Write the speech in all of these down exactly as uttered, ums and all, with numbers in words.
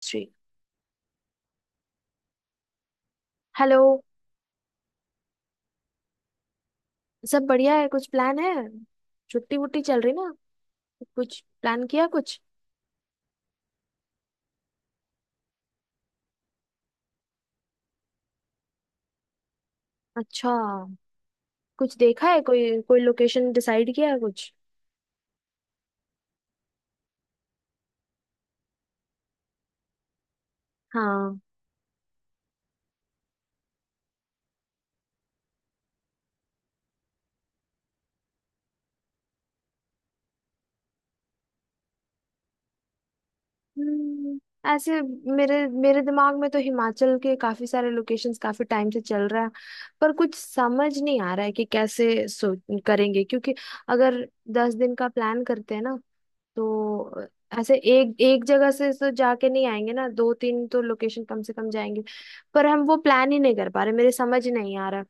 Shri. Hello. सब बढ़िया है। कुछ प्लान है? छुट्टी वुट्टी चल रही ना? कुछ प्लान किया कुछ? अच्छा। कुछ देखा है? कोई कोई लोकेशन डिसाइड किया है कुछ? हाँ। हम्म, ऐसे मेरे मेरे दिमाग में तो हिमाचल के काफी सारे लोकेशंस काफी टाइम से चल रहा है। पर कुछ समझ नहीं आ रहा है कि कैसे सो करेंगे, क्योंकि अगर दस दिन का प्लान करते हैं ना, तो ऐसे एक एक जगह से तो जाके नहीं आएंगे ना, दो तीन तो लोकेशन कम से कम जाएंगे। पर हम वो प्लान ही नहीं कर पा रहे, मेरे समझ नहीं आ रहा।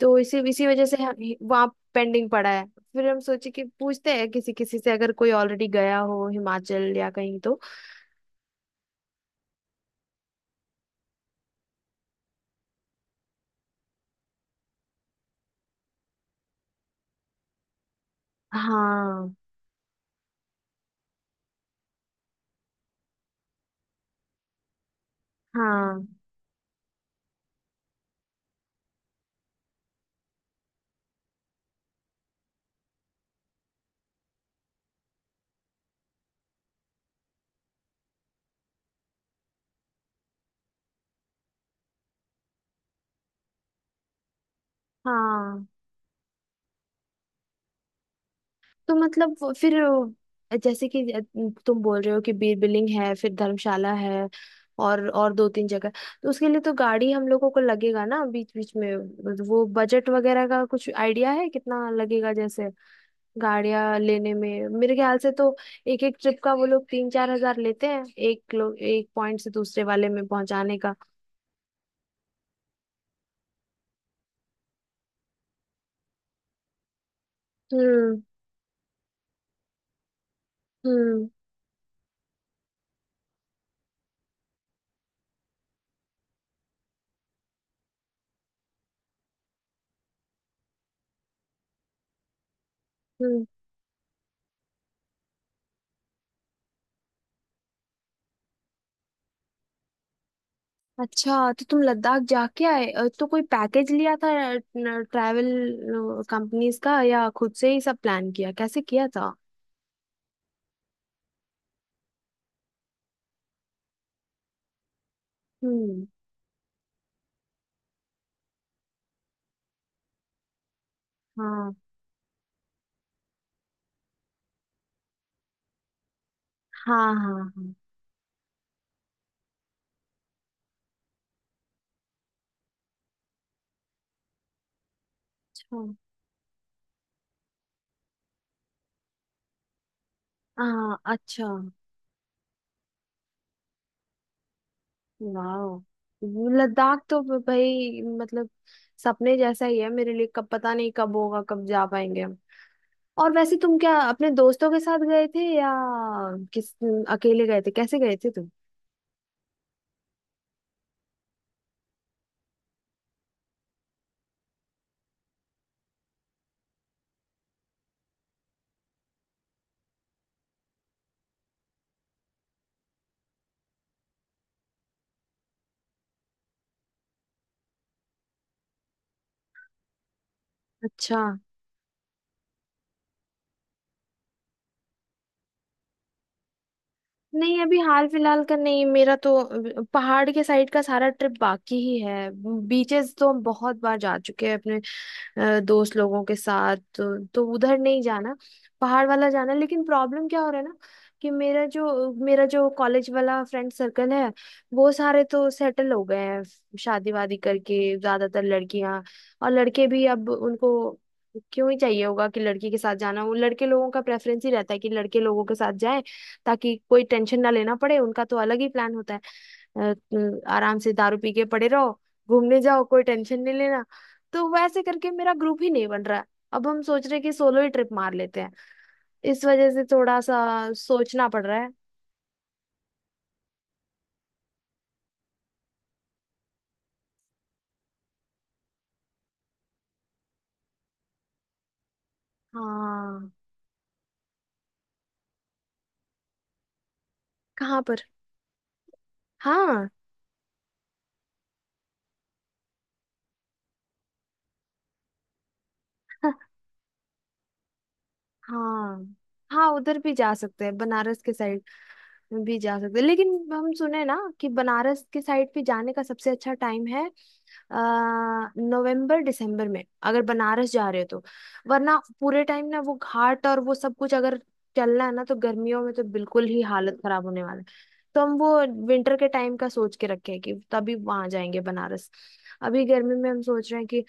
तो इसी इसी वजह से हम वहाँ पेंडिंग पड़ा है। फिर हम सोचे कि पूछते हैं किसी किसी से, अगर कोई ऑलरेडी गया हो हिमाचल या कहीं तो। हाँ हाँ हाँ। तो मतलब वो- फिर, अ, जैसे कि, अ, तुम बोल रहे हो कि बीर बिलिंग है, फिर धर्मशाला है और और दो तीन जगह। तो उसके लिए तो गाड़ी हम लोगों को लगेगा ना बीच बीच में। वो बजट वगैरह का कुछ आइडिया है कितना लगेगा, जैसे गाड़ियां लेने में? मेरे ख्याल से तो एक एक ट्रिप का वो लोग तीन चार हजार लेते हैं, एक लोग एक पॉइंट से दूसरे वाले में पहुंचाने का। हम्म हम्म हम्म। अच्छा, तो तुम लद्दाख जाके आए? अ, तो कोई पैकेज लिया था ट्रैवल कंपनीज का, या खुद से ही सब प्लान किया, कैसे किया था? हम्म। हाँ हाँ हाँ हाँ। अच्छा। हाँ अच्छा। वाह। लद्दाख तो ब- भाई मतलब सपने जैसा ही है मेरे लिए। कब पता नहीं, कब होगा, कब जा पाएंगे हम। और वैसे तुम क्या अपने दोस्तों के साथ गए थे या? किस अकेले गए थे, कैसे गए थे तुम? अच्छा। नहीं, अभी हाल फिलहाल का नहीं। मेरा तो अ, पहाड़ के साइड का सारा ट्रिप बाकी ही है। बीचेस तो हम बहुत बार जा चुके हैं अपने अ, दोस्त लोगों के साथ, तो, तो, उधर नहीं जाना, पहाड़ वाला जाना। लेकिन प्रॉब्लम क्या हो रहा है ना, कि मेरा जो मेरा जो कॉलेज वाला फ्रेंड सर्कल है, वो सारे तो सेटल हो गए हैं शादी वादी करके। ज्यादातर लड़कियां, और लड़के भी, अब उनको क्यों ही चाहिए होगा कि लड़की के साथ जाना। वो लड़के लोगों का प्रेफरेंस ही रहता है कि लड़के लोगों के साथ जाएं, ताकि कोई टेंशन ना लेना पड़े। उनका तो अलग ही प्लान होता है, अ, अ, आराम से दारू पी के पड़े रहो, घूमने जाओ, कोई टेंशन नहीं लेना। तो वैसे करके मेरा ग्रुप ही नहीं बन रहा है। अब हम सोच रहे हैं कि सोलो ही ट्रिप मार लेते हैं, इस वजह से थोड़ा सा सोचना पड़ रहा है। हाँ। कहाँ पर? हाँ हाँ। हाँ, उधर भी जा सकते हैं, बनारस के साइड भी जा सकते हैं। लेकिन हम सुने ना कि बनारस के साइड पे जाने का सबसे अच्छा टाइम है आ, नवंबर दिसंबर में, अगर बनारस जा रहे हो तो। वरना पूरे टाइम ना वो घाट और वो सब कुछ अगर चलना है ना, तो गर्मियों में तो बिल्कुल ही हालत खराब होने वाला है। तो हम वो विंटर के टाइम का सोच के रखे हैं कि तभी वहां जाएंगे बनारस। अभी गर्मी में हम सोच रहे हैं कि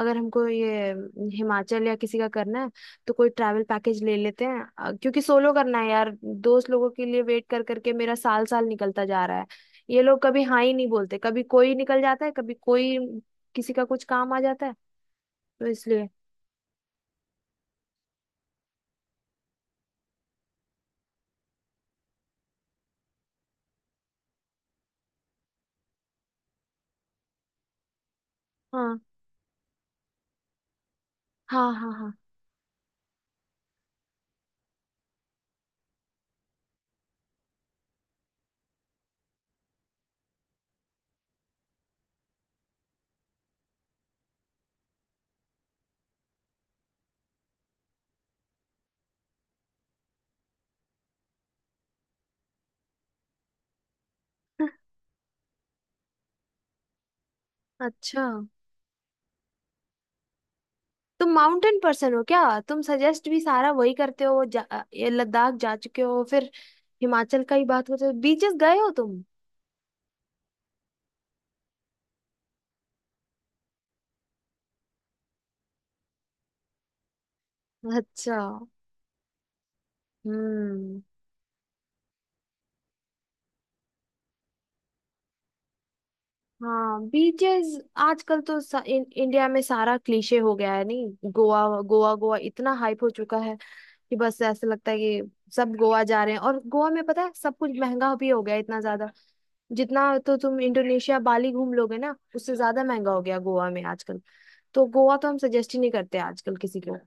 अगर हमको ये हिमाचल या किसी का करना है, तो कोई ट्रैवल पैकेज ले लेते हैं, अ, क्योंकि सोलो करना है यार। दोस्त लोगों के लिए वेट कर करके मेरा साल साल निकलता जा रहा है। ये लोग कभी हाँ ही नहीं बोलते, कभी कोई निकल जाता है, कभी कोई, किसी का कुछ काम आ जाता है, तो इसलिए। हाँ हाँ हाँ हाँ अच्छा। तुम माउंटेन पर्सन हो क्या? तुम सजेस्ट भी सारा वही करते हो, जा, ये लद्दाख जा चुके हो, फिर हिमाचल का ही बात होते हो, बीचेस गए हो तुम? अच्छा। हम्म। हाँ, बीचेस। आजकल तो सा, इन, इंडिया में सारा क्लीशे हो गया है नहीं? गोवा गोवा गोवा इतना हाइप हो चुका है कि बस ऐसा लगता है कि सब गोवा जा रहे हैं, और गोवा में पता है सब कुछ महंगा भी हो गया है इतना ज्यादा, जितना, तो तुम इंडोनेशिया बाली घूम लोगे ना उससे ज्यादा महंगा हो गया गोवा में आजकल। तो गोवा तो हम सजेस्ट ही नहीं करते आजकल किसी को,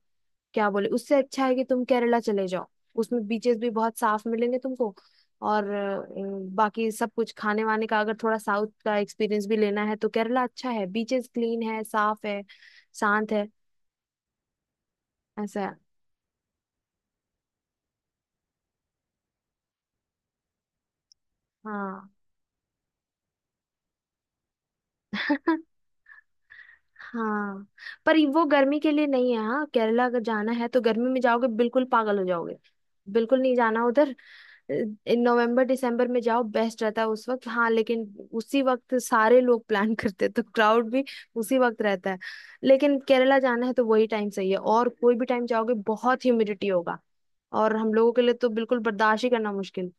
क्या बोले। उससे अच्छा है कि तुम केरला चले जाओ, उसमें बीचेस भी बहुत साफ मिलेंगे तुमको। और अ, बाकी सब कुछ खाने वाने का, अगर थोड़ा साउथ का एक्सपीरियंस भी लेना है तो केरला अच्छा है। बीचेस क्लीन है, साफ है, शांत है। ऐसा है। हाँ हाँ, पर ये- वो गर्मी के लिए नहीं है। हाँ, केरला अगर जाना है तो गर्मी में जाओगे बिल्कुल पागल हो जाओगे, बिल्कुल नहीं जाना उधर। इन नवंबर दिसंबर में जाओ बेस्ट रहता है उस वक्त। हाँ, लेकिन उसी वक्त सारे लोग प्लान करते हैं तो क्राउड भी उसी वक्त रहता है। लेकिन केरला जाना है तो वही टाइम सही है, और कोई भी टाइम जाओगे बहुत ह्यूमिडिटी होगा, और हम लोगों के लिए तो बिल्कुल बर्दाश्त ही करना मुश्किल।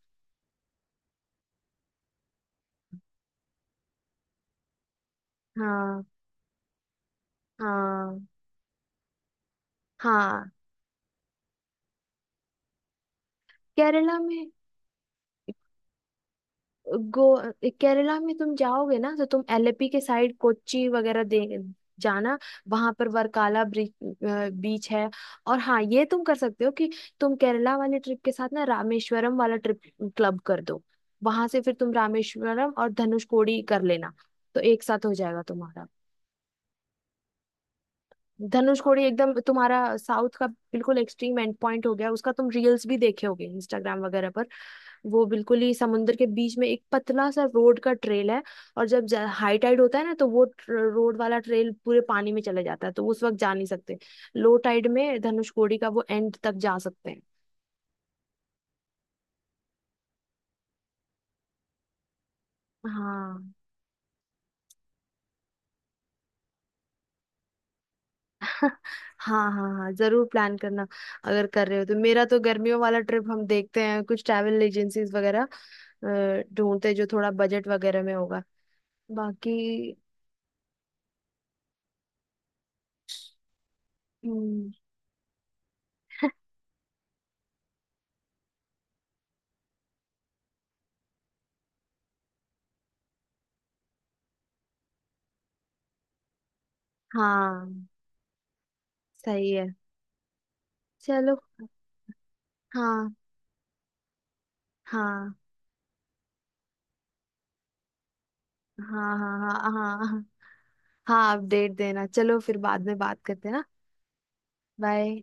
हाँ हाँ हाँ। केरला में, गो केरला में तुम जाओगे ना, तो तुम एलेपी के साइड, कोच्चि वगैरह दे जाना। वहां पर वर्काला बीच है। और हाँ, ये तुम कर सकते हो कि तुम केरला वाले ट्रिप के साथ ना रामेश्वरम वाला ट्रिप क्लब कर दो। वहां से फिर तुम रामेश्वरम और धनुषकोडी कर लेना, तो एक साथ हो जाएगा तुम्हारा। धनुषकोडी एकदम तुम्हारा साउथ का बिल्कुल एक्सट्रीम एंड पॉइंट हो गया उसका। तुम रील्स भी देखे होगे इंस्टाग्राम वगैरह पर। वो बिल्कुल ही समुद्र के बीच में एक पतला सा रोड का ट्रेल है। और जब हाई टाइड होता है ना, तो वो रोड वाला ट्रेल पूरे पानी में चले जाता है, तो उस वक्त जा नहीं सकते। लो टाइड में धनुषकोडी का वो एंड तक जा सकते हैं। हाँ हाँ हाँ, हाँ जरूर प्लान करना, अगर कर रहे हो तो। मेरा तो गर्मियों वाला ट्रिप हम देखते हैं, कुछ ट्रैवल एजेंसीज वगैरह अ, ढूंढते हैं जो थोड़ा बजट वगैरह में होगा। बाकी हम्म, हाँ, सही है। चलो। हाँ हाँ हाँ हाँ हाँ हाँ हाँ। हाँ, अपडेट देना। चलो, फिर बाद में बात करते हैं ना। बाय।